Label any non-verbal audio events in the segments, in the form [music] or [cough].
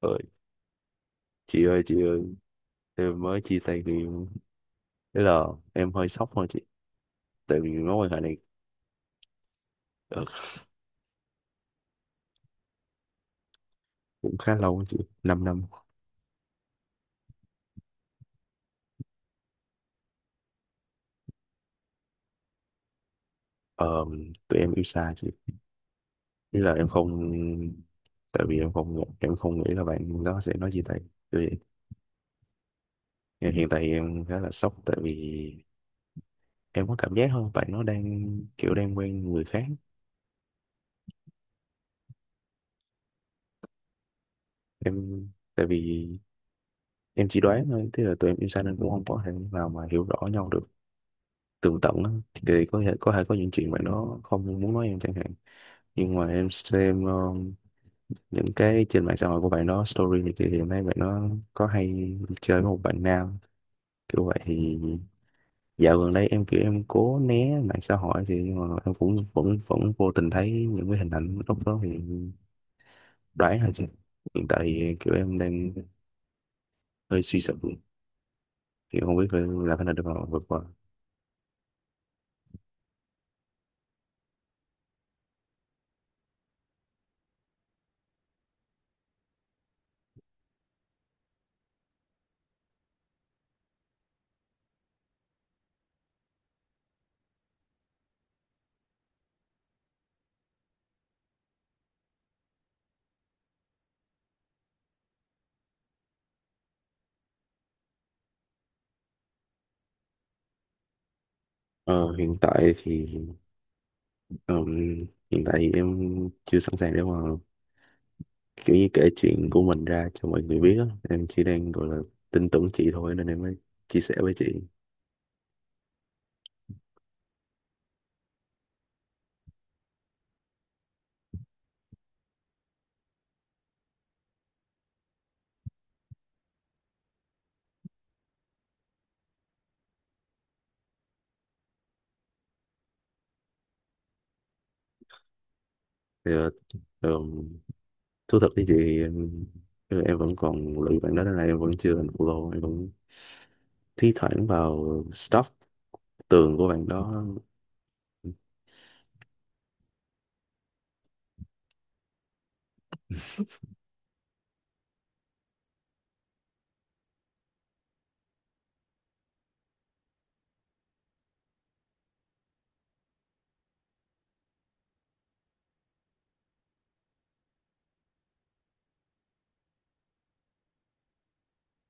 Ơi, chị ơi chị ơi, em mới chia tay người yêu. Thế là em hơi sốc thôi chị. Tại vì mối quan hệ này ờ, cũng khá lâu á chị, 5 năm năm. Ờ, Tụi em yêu xa chị. Ý là em không, tại vì em không nghĩ là bạn đó sẽ nói chia tay. Tại vì hiện hiện tại em khá là sốc. Tại vì em có cảm giác hơn bạn nó đang kiểu đang quen người khác. em Tại vì em chỉ đoán thôi. Thế là tụi em yêu xa nên cũng không có thể nào mà hiểu rõ nhau được tường tận á, thì có thể có những chuyện bạn đó không muốn nói em chẳng hạn. Nhưng mà em xem những cái trên mạng xã hội của bạn đó, story này kia, thì em thấy bạn đó có hay chơi với một bạn nam kiểu vậy. Thì dạo gần đây em kiểu em cố né mạng xã hội thì, nhưng mà em cũng vẫn vẫn vô tình thấy những cái hình ảnh lúc đó, thì đoán là chứ. Hiện tại thì kiểu em đang hơi suy sụp, thì không biết phải làm thế nào để mà vượt qua. Ờ, hiện tại thì ừm, Hiện tại thì em chưa sẵn sàng để mà kiểu như kể chuyện của mình ra cho mọi người biết á. Em chỉ đang gọi là tin tưởng chị thôi nên em mới chia sẻ với chị. thì ờ, ờm, Thú thật với chị thì em vẫn còn lụy bạn đó nên là em vẫn chưa unfollow, em vẫn thi thoảng vào stalk tường của bạn đó.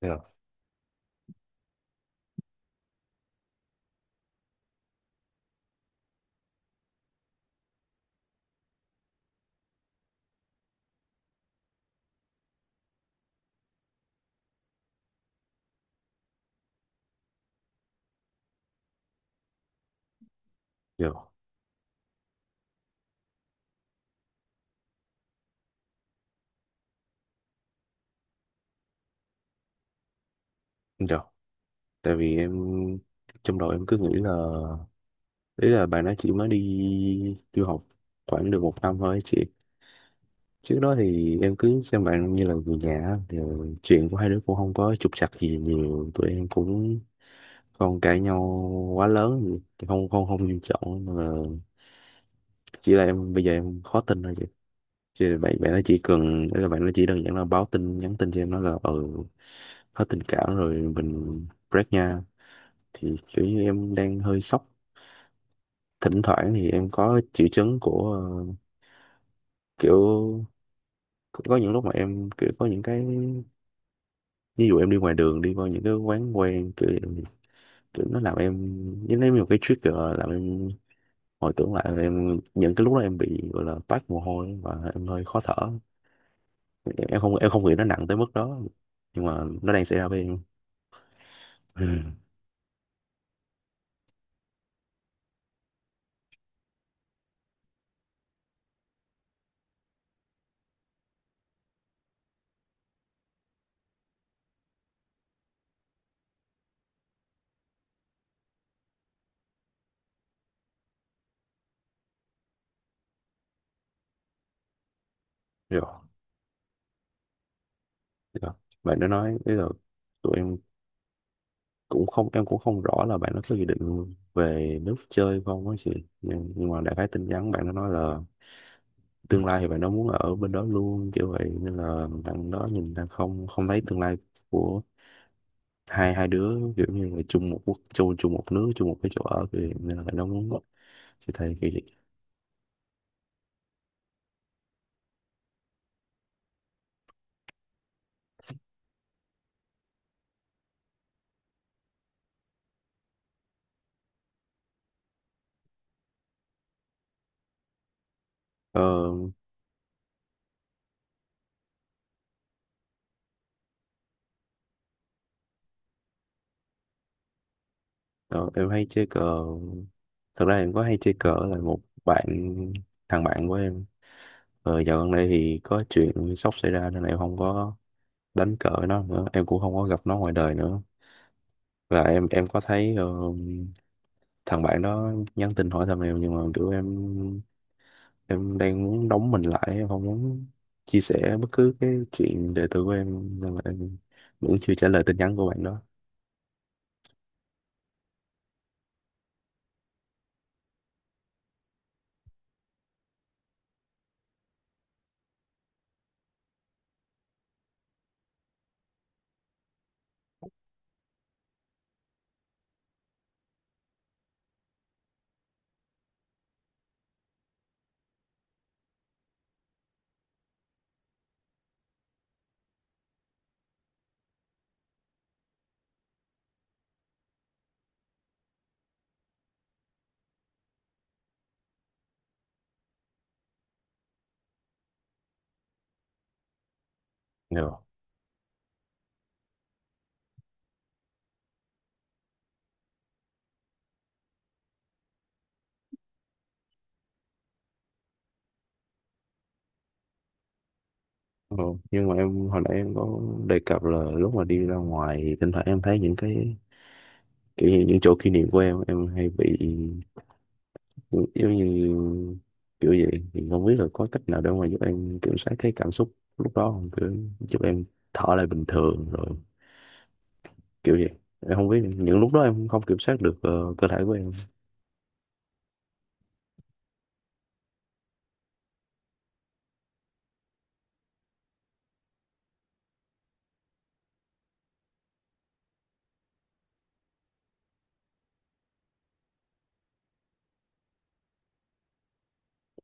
Dạ, dạ, dạ. Tại vì em, trong đầu em cứ nghĩ là đấy là bạn đó chỉ mới đi du học khoảng được một năm thôi chị. Trước đó thì em cứ xem bạn như là người nhà á, thì chuyện của hai đứa cũng không có trục trặc gì nhiều, tụi em cũng không cãi nhau quá lớn gì. Thì không không không nghiêm trọng mà là, chỉ là em bây giờ em khó tin thôi chị. Chứ bạn bạn nó chỉ cần, đấy là bạn nó chỉ đơn giản là báo tin, nhắn tin cho em nói là ừ, hết tình cảm rồi, mình break nha. Thì kiểu như em đang hơi sốc. Thỉnh thoảng thì em có triệu chứng của kiểu, có những lúc mà em kiểu có những cái, ví dụ em đi ngoài đường đi qua những cái quán quen kiểu, kiểu nó làm em giống như một cái trigger, làm em hồi tưởng lại. Là em những cái lúc đó em bị gọi là toát mồ hôi và em hơi khó thở. Em không em không nghĩ nó nặng tới mức đó nhưng mà nó đang xảy ra với em. Ừ. rồi rồi bạn đã nói bây giờ tụi em cũng không, em cũng không rõ là bạn nó có dự định về nước chơi không á chị. Nhưng mà đại khái tin nhắn bạn nó nói là tương lai thì bạn đó muốn ở bên đó luôn kiểu vậy, nên là bạn đó nhìn đang không không thấy tương lai của hai hai đứa, kiểu như là chung một quốc, chung chung một nước, chung một cái chỗ ở kiểu vậy. Nên là bạn đó muốn sẽ thầy kiểu vậy. ờ, ờ, em hay chơi cờ. Thật ra em có hay chơi cờ là một bạn thằng bạn của em. Dạo gần đây thì có chuyện sốc xảy ra nên là em không có đánh cờ với nó nữa, em cũng không có gặp nó ngoài đời nữa. Và em có thấy thằng bạn đó nhắn tin hỏi thăm em, nhưng mà kiểu em đang muốn đóng mình lại, em không muốn chia sẻ bất cứ cái chuyện đời tư của em, nên là em vẫn chưa trả lời tin nhắn của bạn đó. Dạ. Ừ. Nhưng mà em hồi nãy em có đề cập là lúc mà đi ra ngoài thì thỉnh thoảng em thấy những cái kiểu như những chỗ kỷ niệm của em hay bị giống như kiểu vậy. Thì không biết là có cách nào để mà giúp em kiểm soát cái cảm xúc lúc đó không, kiểu giúp em thở lại bình thường rồi kiểu vậy. Em không biết, những lúc đó em không kiểm soát được cơ thể của em.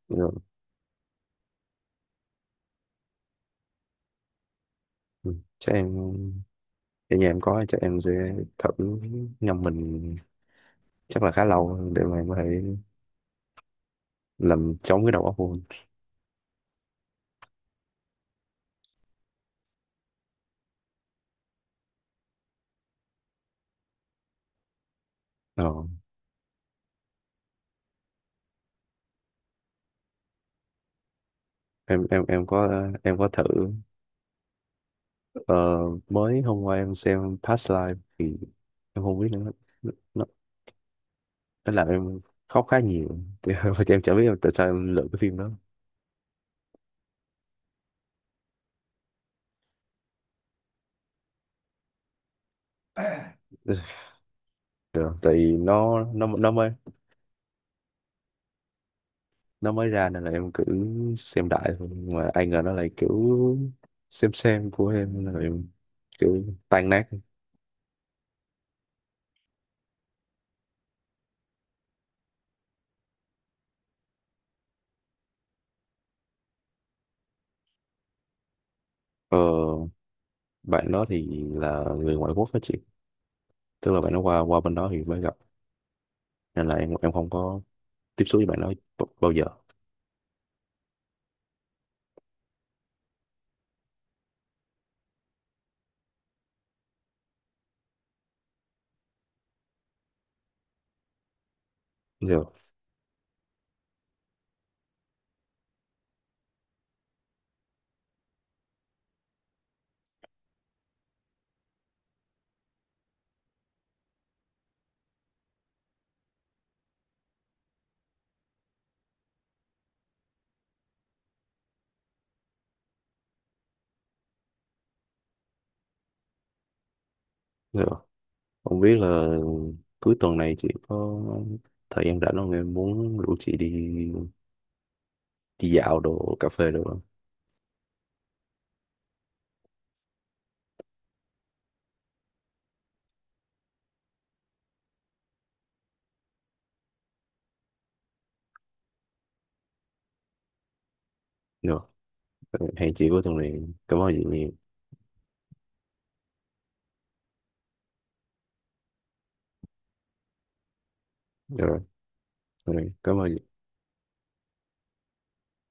Nhưng ừ, chắc em, ở nhà em có, chắc em sẽ thử ngâm mình chắc là khá lâu để mà em có thể làm chống cái đầu óc của mình. ờ, em có thử. ờ, Mới hôm qua em xem Past Life thì em không biết nữa, nó, nó nó làm em khóc khá nhiều [laughs] thì em chả biết tại sao em lựa cái phim đó. Được, tại vì nó nó mới, nó mới ra nên là em cứ xem đại thôi, nhưng mà ai ngờ nó lại kiểu xem của em, nên là em kiểu tan nát. ờ, Bạn đó thì là người ngoại quốc đó chị. Tức là bạn nó qua qua bên đó thì mới gặp, nên là em không có tiếp xúc với bạn đó bao giờ. Giờ giờ không biết là cuối tuần này chị có thời gian rảnh không, em muốn rủ chị đi đi dạo đồ, cà phê được không? Được. Hẹn chị cuối tuần này. Cảm ơn chị nhiều. Rồi rồi cảm ơn chị.